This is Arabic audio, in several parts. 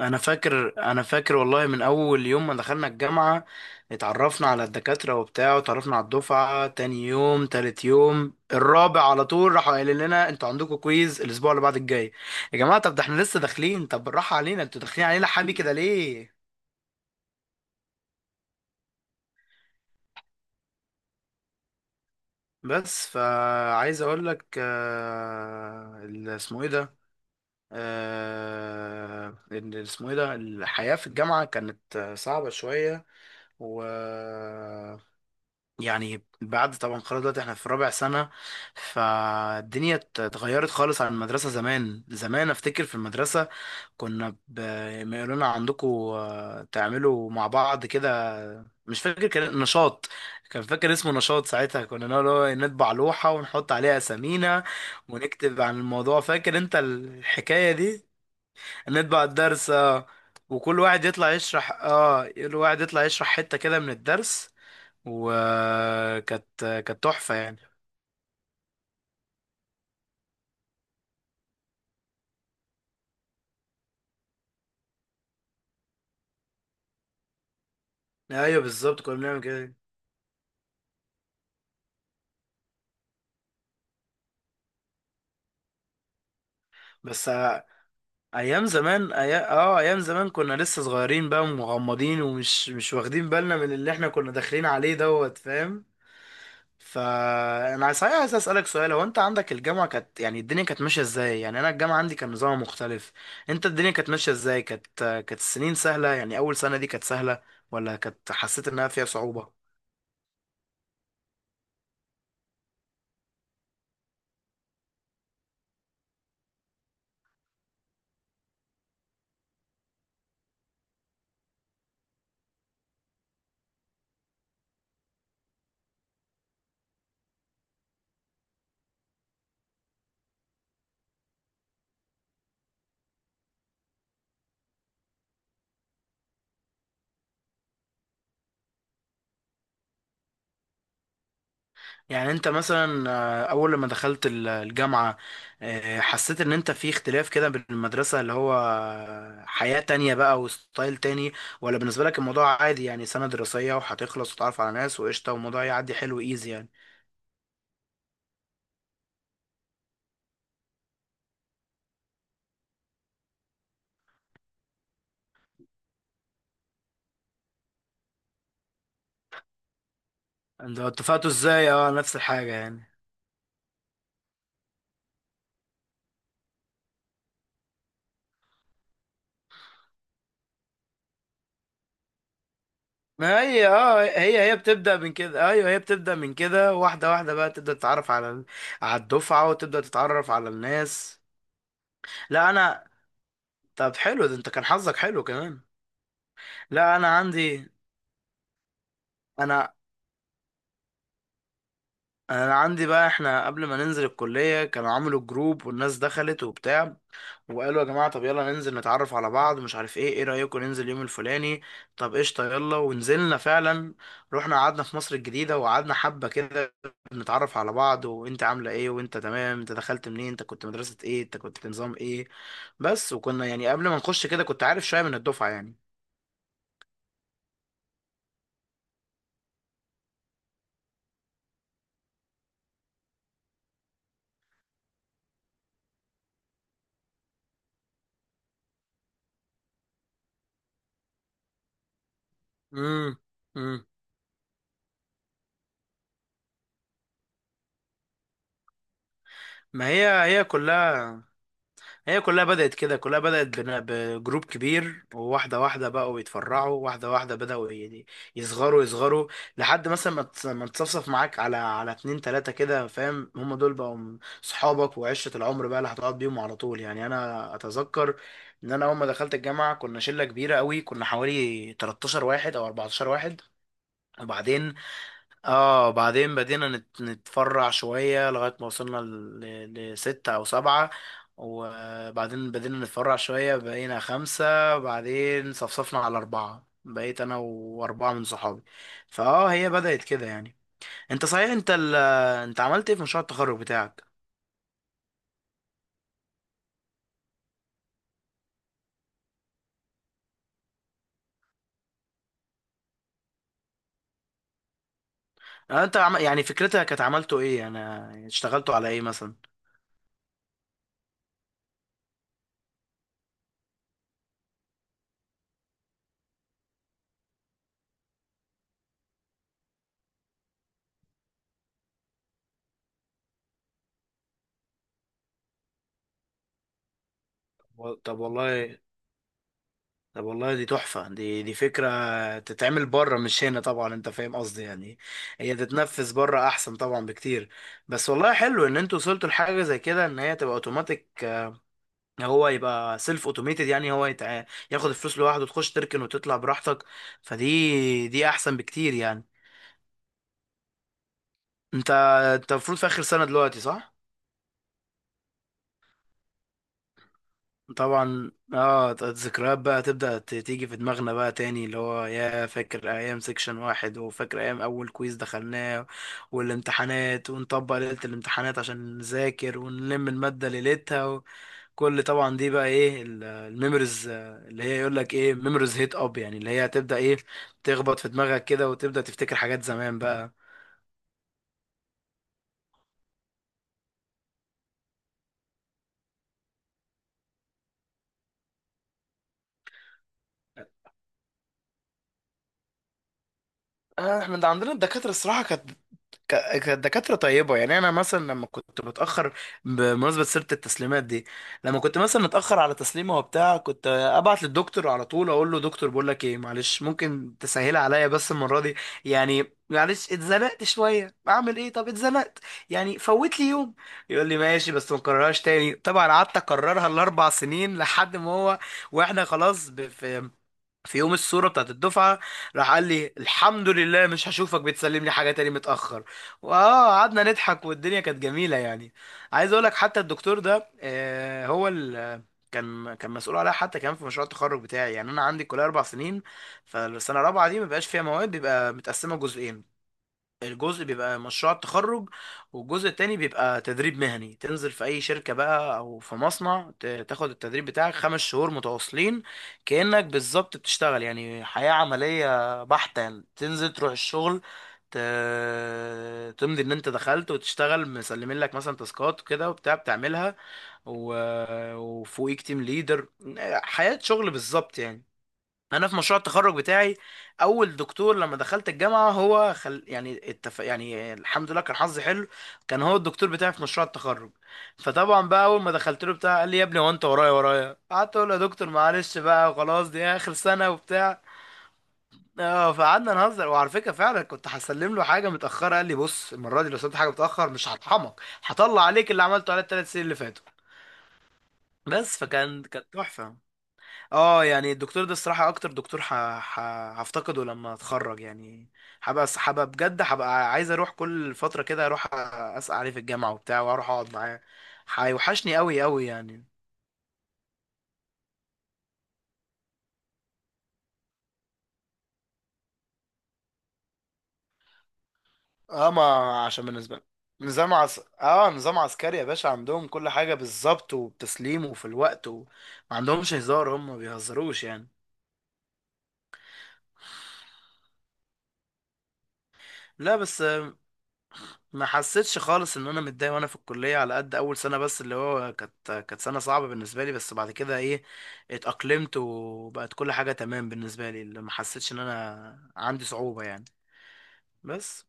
انا فاكر والله من اول يوم ما دخلنا الجامعه، اتعرفنا على الدكاتره وبتاع، واتعرفنا على الدفعه. تاني يوم تالت يوم الرابع على طول راحوا قايلين لنا انتوا عندكم كويز الاسبوع اللي بعد الجاي. يا جماعه، طب ده احنا لسه داخلين، طب بالراحه علينا، انتوا داخلين علينا حبي كده ليه؟ بس فعايز اقول لك اسمه ايه ده الحياه في الجامعه كانت صعبه شويه. و يعني بعد طبعا خلاص دلوقتي احنا في رابع سنة، فالدنيا اتغيرت خالص عن المدرسة. زمان زمان افتكر في المدرسة كنا ب... ما يقولوا لنا عندكم تعملوا مع بعض كده، مش فاكر كان نشاط، كان فاكر اسمه نشاط ساعتها، كنا نقول هو إيه، نطبع لوحة ونحط عليها أسامينا ونكتب عن الموضوع. فاكر انت الحكاية دي؟ نطبع الدرس وكل واحد يطلع يشرح، اه كل واحد يطلع يشرح حتة كده من الدرس. وكانت كانت تحفة يعني. ايوه بالظبط كنا بنعمل كده. بس ايام زمان اه ايام زمان كنا لسه صغيرين بقى ومغمضين ومش مش واخدين بالنا من اللي احنا كنا داخلين عليه، دوت فاهم؟ فانا صحيح عايز اسالك سؤال، هو انت عندك الجامعه كانت يعني الدنيا كانت ماشيه ازاي؟ يعني انا الجامعه عندي كان نظام مختلف. انت الدنيا كانت ماشيه ازاي؟ كانت السنين سهله يعني؟ اول سنه دي كانت سهله ولا كانت حسيت انها فيها صعوبه؟ يعني انت مثلا اول لما دخلت الجامعة، حسيت ان انت في اختلاف كده بين المدرسة اللي هو حياة تانية بقى وستايل تاني، ولا بالنسبة لك الموضوع عادي يعني سنة دراسية وهتخلص وتتعرف على ناس وقشطة والموضوع يعدي حلو ايزي يعني؟ انتوا اتفقتوا ازاي؟ اه نفس الحاجة يعني. ما هي اه هي هي بتبدأ من كده، ايوه هي بتبدأ من كده، واحدة واحدة بقى تبدأ تتعرف على على الدفعة وتبدأ تتعرف على الناس. لا انا طب حلو، ده انت كان حظك حلو كمان. لا انا عندي انا انا عندي بقى، احنا قبل ما ننزل الكلية كانوا عملوا جروب والناس دخلت وبتاع، وقالوا يا جماعة طب يلا ننزل نتعرف على بعض، مش عارف ايه، ايه رأيكم ننزل يوم الفلاني؟ طب قشطة، يلا. ونزلنا فعلا، رحنا قعدنا في مصر الجديدة وقعدنا حبة كده نتعرف على بعض، وانت عاملة ايه، وانت تمام، انت دخلت منين، انت كنت مدرسة ايه، انت كنت نظام ايه. بس، وكنا يعني قبل ما نخش كده كنت عارف شوية من الدفعة يعني. امم. امم. ما هي هي كلها، هي كلها بدأت كده، كلها بدأت بجروب كبير، وواحدة واحدة بقوا يتفرعوا، واحدة واحدة بدأوا يعني يصغروا يصغروا، لحد مثلا ما تصفصف معاك على على اتنين تلاتة كده، فاهم؟ هم دول بقوا صحابك وعشرة العمر بقى اللي هتقعد بيهم على طول يعني. أنا أتذكر إن أنا أول ما دخلت الجامعة كنا شلة كبيرة قوي، كنا حوالي 13 واحد أو 14 واحد. وبعدين اه بعدين بدينا نتفرع شوية لغاية ما وصلنا لستة أو سبعة، وبعدين بدينا نتفرع شوية بقينا خمسة، بعدين صفصفنا على أربعة، بقيت أنا وأربعة من صحابي. فاه هي بدأت كده يعني. أنت صحيح أنت عملت إيه في مشروع التخرج بتاعك؟ يعني فكرتها كانت، عملته إيه؟ أنا اشتغلتوا على إيه مثلا؟ و- طب والله طب والله دي تحفة، دي فكرة تتعمل بره مش هنا طبعا، انت فاهم قصدي يعني. هي تتنفذ بره احسن طبعا بكتير. بس والله حلو ان انتوا وصلتوا لحاجة زي كده، ان هي تبقى اوتوماتيك، هو يبقى سيلف اوتوميتد، يعني ياخد الفلوس لوحده، تخش تركن وتطلع براحتك. فدي احسن بكتير يعني. انت انت المفروض في اخر سنة دلوقتي، صح؟ طبعا اه الذكريات بقى تبدأ تيجي في دماغنا بقى تاني، اللي هو يا فاكر ايام سيكشن واحد، وفاكر ايام اول كويز دخلناه والامتحانات، ونطبق ليلة الامتحانات عشان نذاكر ونلم المادة ليلتها. وكل طبعا دي بقى ايه الميموريز اللي هي يقول لك ايه ميموريز هيت اب، يعني اللي هي هتبدأ ايه تخبط في دماغك كده وتبدأ تفتكر حاجات زمان بقى. احنا ده عندنا الدكاترة الصراحة كانت كانت دكاترة طيبة يعني. أنا مثلا لما كنت متأخر، بمناسبة سيرة التسليمات دي، لما كنت مثلا متأخر على تسليمة وبتاع كنت أبعت للدكتور على طول أقول له دكتور بقول لك إيه معلش ممكن تسهلها عليا بس المرة دي، يعني معلش اتزنقت شوية، أعمل إيه طب اتزنقت، يعني فوت لي يوم. يقول لي ماشي بس ما تكررهاش تاني، طبعا قعدت أكررها الأربع سنين لحد ما هو، وإحنا خلاص في يوم الصورة بتاعت الدفعة، راح قال لي الحمد لله مش هشوفك بتسلم لي حاجة تاني متأخر. واه قعدنا نضحك والدنيا كانت جميلة يعني. عايز اقول لك حتى الدكتور ده آه، هو ال كان مسؤول عليها حتى كمان في مشروع التخرج بتاعي. يعني انا عندي الكليه اربع سنين، فالسنه الرابعه دي ما بيبقاش فيها مواد، بيبقى متقسمه جزئين: الجزء بيبقى مشروع التخرج، والجزء التاني بيبقى تدريب مهني تنزل في أي شركة بقى أو في مصنع تاخد التدريب بتاعك خمس شهور متواصلين كأنك بالظبط بتشتغل، يعني حياة عملية بحتة يعني. تنزل تروح الشغل، ت... تمضي إن أنت دخلت وتشتغل، مسلمين لك مثلا تاسكات وكده وبتاع بتعملها، و... وفوقيك تيم ليدر. حياة شغل بالظبط يعني. انا في مشروع التخرج بتاعي، اول دكتور لما دخلت الجامعه هو يعني الحمد لله كان حظي حلو، كان هو الدكتور بتاعي في مشروع التخرج. فطبعا بقى اول ما دخلت له بتاع قال لي يا ابني هو انت ورايا ورايا، قعدت اقول له يا دكتور معلش بقى خلاص دي اخر سنه وبتاع. اه فقعدنا نهزر. وعلى فكره فعلا كنت هسلم له حاجه متاخره، قال لي بص المره دي لو سلمت حاجه متاخر مش هطحنك، هطلع عليك اللي عملته على الثلاث سنين اللي فاتوا. بس فكان كانت تحفه. اه يعني الدكتور ده الصراحة اكتر دكتور ح... هفتقده لما اتخرج يعني. هبقى بجد هبقى عايز اروح كل فترة كده اروح اسأل عليه في الجامعة وبتاع واروح اقعد معاه. هيوحشني قوي قوي يعني. اه ما عشان بالنسبة لي اه نظام عسكري يا باشا، عندهم كل حاجة بالظبط وبتسليم وفي الوقت، وما عندهمش هزار، هم ما بيهزروش يعني. لا بس ما حسيتش خالص ان انا متضايق وانا في الكليه، على قد اول سنه بس اللي هو كانت سنه صعبه بالنسبه لي، بس بعد كده ايه، اتاقلمت وبقت كل حاجه تمام بالنسبه لي، اللي ما حسيتش ان انا عندي صعوبه يعني. بس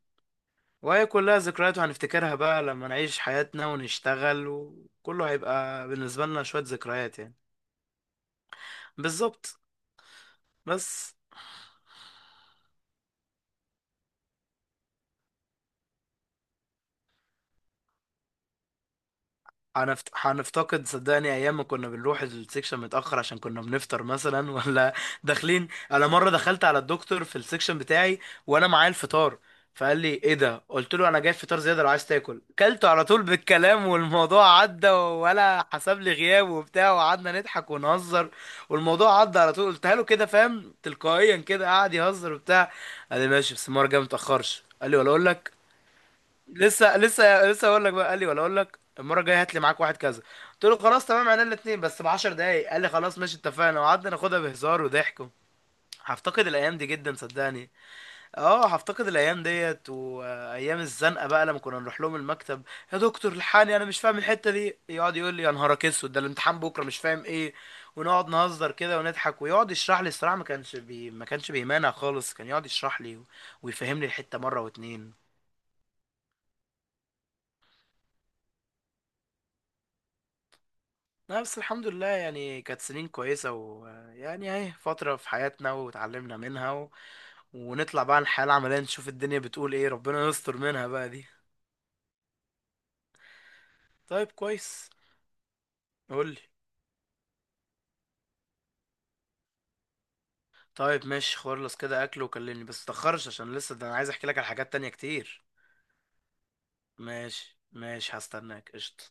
وهي كلها ذكريات، وهنفتكرها بقى لما نعيش حياتنا ونشتغل، وكله هيبقى بالنسبه لنا شويه ذكريات يعني. بالظبط. بس هنفتقد صدقني ايام ما كنا بنروح السكشن متاخر عشان كنا بنفطر مثلا ولا داخلين. انا مره دخلت على الدكتور في السكشن بتاعي وانا معايا الفطار، فقال لي ايه ده، قلت له انا جايب فطار زياده لو عايز تاكل. كلته على طول بالكلام والموضوع عدى، ولا حسب لي غياب وبتاع، وقعدنا نضحك ونهزر والموضوع عدى على طول. قلتها له كده فاهم تلقائيا كده، قعد يهزر وبتاع. قال لي ماشي بس المره الجايه متاخرش، قال لي ولا اقول لك، لسه لسه لسه اقول لك بقى، قال لي ولا اقول لك المره الجايه هات لي معاك واحد كذا. قلت له خلاص تمام، عنا الاثنين بس ب 10 دقايق، قال لي خلاص ماشي اتفقنا، وقعدنا ناخدها بهزار وضحك. هفتقد الايام دي جدا صدقني. اه هفتقد الايام ديت وايام الزنقه بقى لما كنا نروح لهم المكتب، يا دكتور الحقني انا مش فاهم الحته دي، يقعد يقول لي يا نهارك اسود ده الامتحان بكره مش فاهم ايه، ونقعد نهزر كده ونضحك، ويقعد يشرح لي. الصراحه ما كانش بيمانع خالص، كان يقعد يشرح لي ويفهمني الحته مره واتنين. لا بس الحمد لله يعني كانت سنين كويسة، ويعني اهي فترة في حياتنا وتعلمنا منها، ونطلع بقى الحياة العملية نشوف الدنيا بتقول ايه، ربنا يستر منها بقى دي. طيب كويس، قولي. طيب ماشي، خلص كده اكل وكلمني بس متأخرش عشان لسه ده انا عايز احكي لك على حاجات تانية كتير. ماشي ماشي، هستناك قشطة.